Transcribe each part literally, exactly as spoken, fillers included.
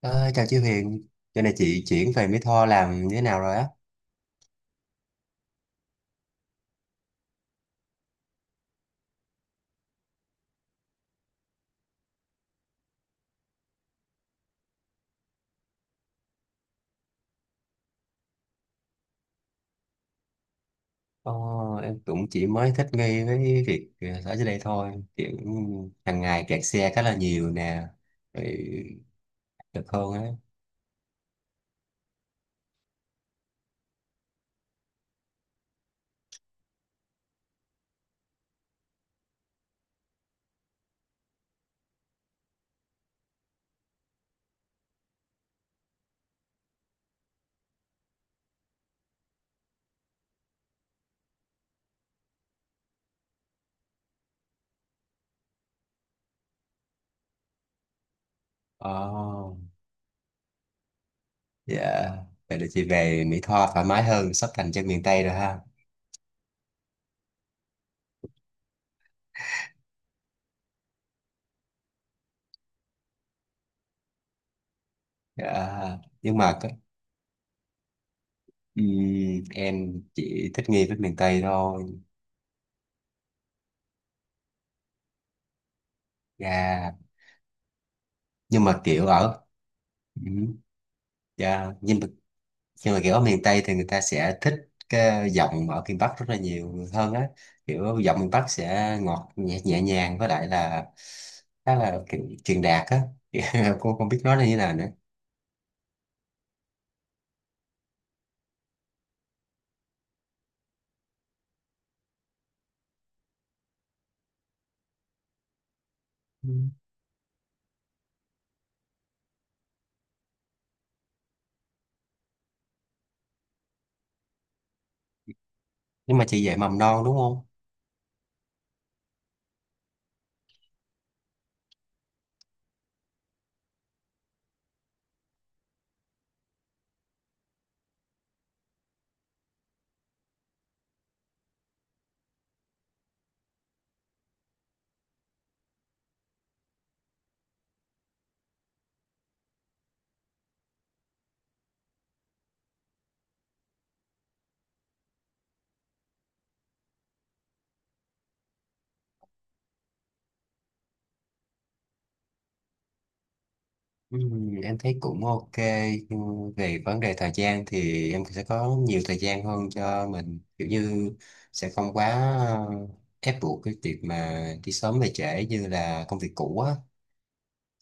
Ờ, chào chị Huyền, giờ này chị chuyển về Mỹ Tho làm như thế nào rồi á? Ờ, em cũng chỉ mới thích nghi với việc ờ, ở dưới đây thôi, kiểu hàng ngày kẹt xe khá là nhiều nè, rồi được hơn á. Ờ, dạ, vậy là chị về Mỹ Tho thoải mái hơn, sắp thành chân miền Tây rồi ha. Dạ, nhưng mà cái- ừm, em chỉ thích nghi với miền Tây thôi. Dạ, nhưng mà kiểu ở, ừm, dạ, nhưng mà nhưng mà kiểu ở miền Tây thì người ta sẽ thích cái giọng ở miền Bắc rất là nhiều hơn á, kiểu giọng miền Bắc sẽ ngọt nhẹ, nhẹ nhàng, với lại là khá là kiểu truyền đạt á. Cô không biết nói là như nào nữa. Ừ, nhưng mà chị dạy mầm non đúng không? ừ, em thấy cũng ok. Ừ, về vấn đề thời gian thì em sẽ có nhiều thời gian hơn cho mình, kiểu như sẽ không quá ờ, ép buộc cái việc mà đi sớm về trễ như là công việc cũ á.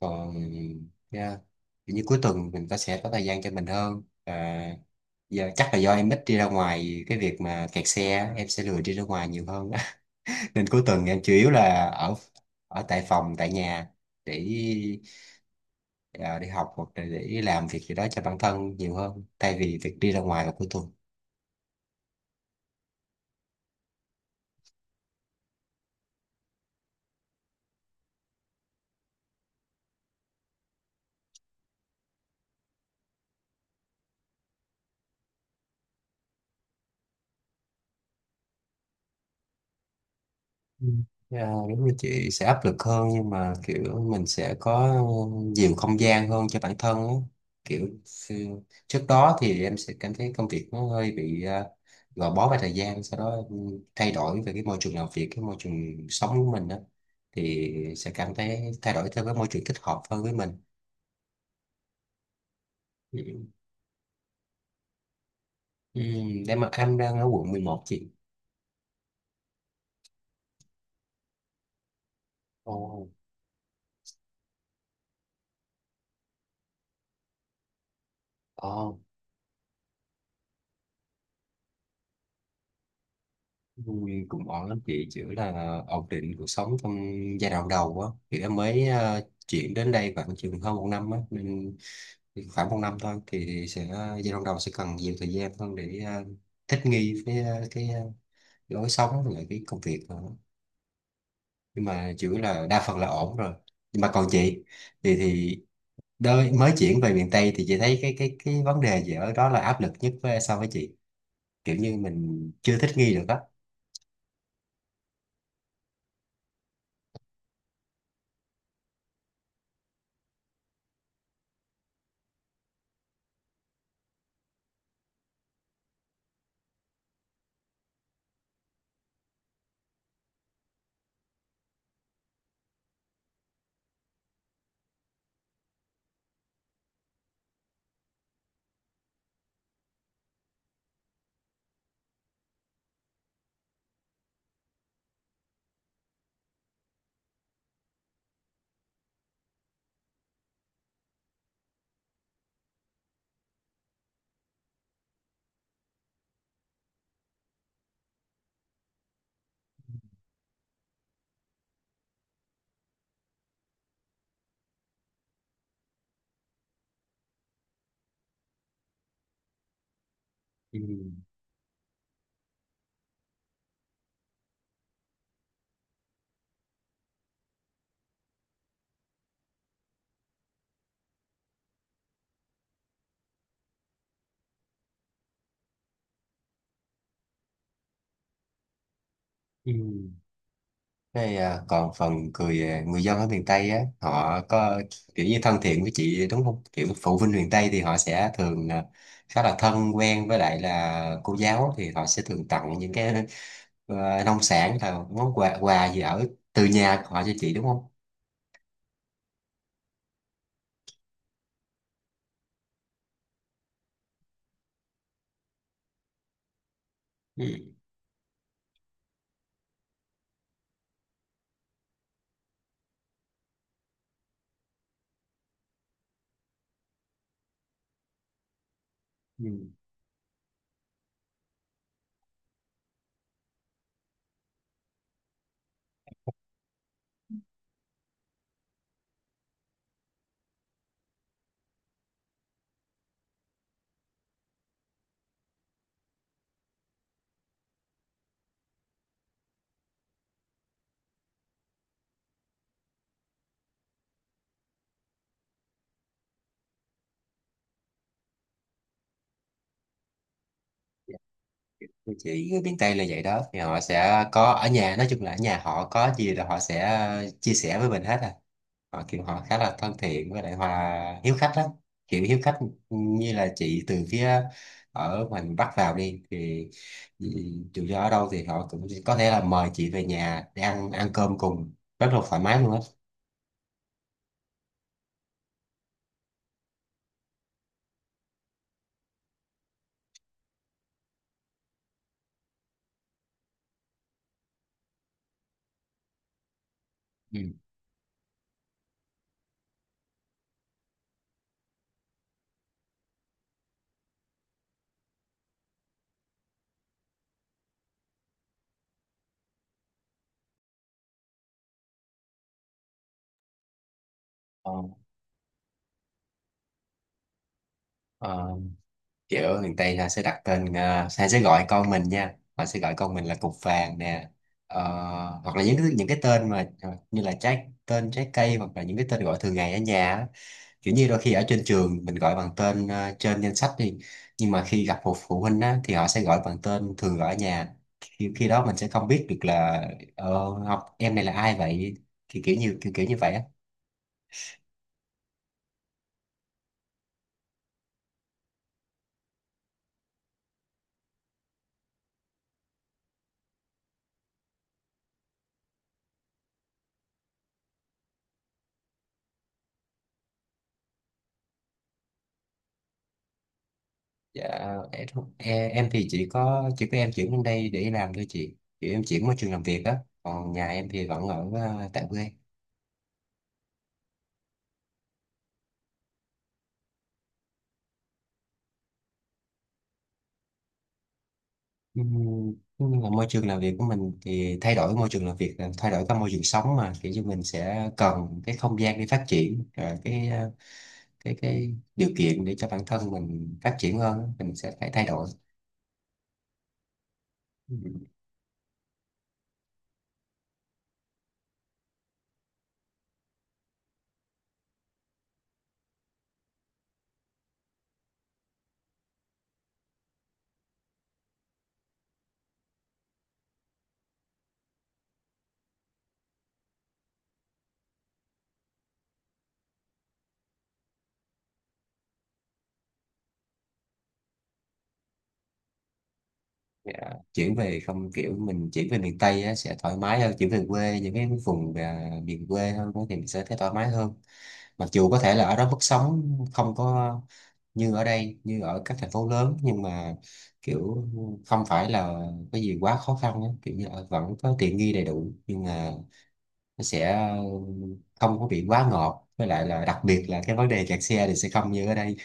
Còn yeah, kiểu như cuối tuần mình có sẽ có thời gian cho mình hơn à, giờ chắc là do em ít đi ra ngoài, cái việc mà kẹt xe á, em sẽ lười đi ra ngoài nhiều hơn. Nên cuối tuần em chủ yếu là ở ở tại phòng tại nhà để à, đi học hoặc là để làm việc gì đó cho bản thân nhiều hơn thay vì việc đi ra ngoài vào cuối tuần. Ừ. Dạ, đúng là chị sẽ áp lực hơn, nhưng mà kiểu mình sẽ có nhiều không gian hơn cho bản thân á. Kiểu ừ, trước đó thì em sẽ cảm thấy công việc nó hơi bị à, gò bó về thời gian. Sau đó ừ, thay đổi về cái môi trường làm việc, cái môi trường sống của mình á thì sẽ cảm thấy thay đổi theo cái môi trường thích hợp hơn với mình. Ừ. Ừ, Em em đang ở quận mười một chị. Ồ, oh, vui cũng ổn lắm chị, chỉ là ổn định cuộc sống trong giai đoạn đầu á thì em mới ờ, chuyển đến đây khoảng chừng hơn một năm á nên khoảng một năm thôi thì sẽ, ờ, giai đoạn đầu sẽ cần nhiều thời gian hơn để ờ, thích nghi với ờ, cái ờ, lối sống và lại cái công việc nữa. Nhưng mà chủ yếu là đa phần là ổn rồi. Nhưng mà còn chị thì thì đôi, mới chuyển về miền Tây thì chị thấy cái cái cái vấn đề gì ở đó là áp lực nhất với so với chị, kiểu như mình chưa thích nghi được á. Ừ. Ừ. Thế, à, còn phần người à, người dân ở miền Tây á, họ có kiểu như thân thiện với chị đúng không? Kiểu phụ huynh miền Tây thì họ sẽ thường à, khá là thân quen, với lại là cô giáo thì họ sẽ thường tặng những cái à, nông sản hay là món quà quà gì ở từ nhà của họ cho chị đúng không? Ừ. Ừ. Dạ. Thì chị miền Tây là vậy đó, thì họ sẽ có ở nhà, nói chung là ở nhà họ có gì là họ sẽ à, chia sẻ với mình hết à. Họ kiểu họ khá là thân thiện, với lại hòa hiếu khách đó, kiểu hiếu khách. Như là chị từ phía ở mình bắt vào đi thì ừ, dù do ở đâu thì họ cũng có thể là mời chị về nhà để ăn ăn cơm cùng, rất là thoải mái luôn á. Ừ. Ờ, ờ, kiểu ở miền Tây là sẽ đặt tên ờ, hay sẽ gọi con mình nha, họ sẽ gọi con mình là cục vàng nè. Ờ, hoặc là những cái những cái tên mà ờ, như là trái tên trái cây, hoặc là những cái tên gọi thường ngày ở nhà á. Kiểu như đôi khi ở trên trường mình gọi bằng tên ờ, trên danh sách đi, nhưng mà khi gặp một phụ huynh á, thì họ sẽ gọi bằng tên thường gọi ở nhà. Khi, khi đó mình sẽ không biết được là ờ, học em này là ai vậy. Thì kiểu như kiểu, kiểu như vậy á. Dạ, em, không- em em thì chỉ có chỉ có em chuyển lên đây để đi làm thôi chị, kiểu em chuyển môi trường làm việc á. Còn nhà em thì vẫn ở ờ, tại quê. Ừm, nhưng mà môi trường làm việc của mình thì thay đổi môi trường làm việc là thay đổi cả môi trường sống mà, kiểu như mình sẽ cần cái không gian để phát triển và cái ờ, cái cái điều kiện để cho bản thân mình phát triển hơn á, mình sẽ phải thay đổi. Ừm, dạ. Chuyển về không, kiểu mình chuyển về miền Tây á, sẽ thoải mái hơn, chuyển về quê những cái vùng ờ, miền quê hơn á thì mình sẽ thấy thoải mái hơn. Mặc dù có thể là ở đó mức sống không có như ở đây, như ở các thành phố lớn, nhưng mà kiểu không phải là cái gì quá khó khăn á. Kiểu như ở- vẫn có tiện nghi đầy đủ nhưng mà nó sẽ không có bị quá ngọt, với lại là đặc biệt là cái vấn đề kẹt xe thì sẽ không như ở đây.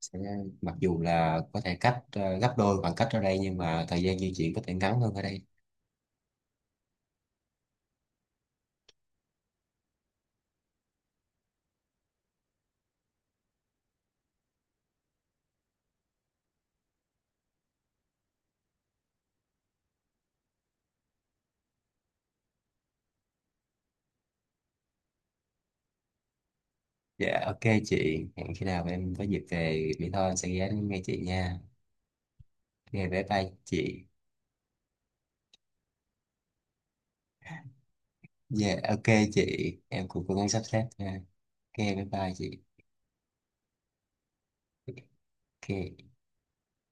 Sẽ mặc dù là có thể cách ờ, gấp đôi khoảng cách ở đây nhưng mà thời gian di chuyển có thể ngắn hơn ở đây. Dạ ok chị, hẹn khi nào em có dịp về Mỹ Tho em sẽ ghé nghe chị nha. Ok, bye bye chị. Dạ, ok chị, em cũng cố gắng sắp xếp nha. Ok, bye bye chị. Ok.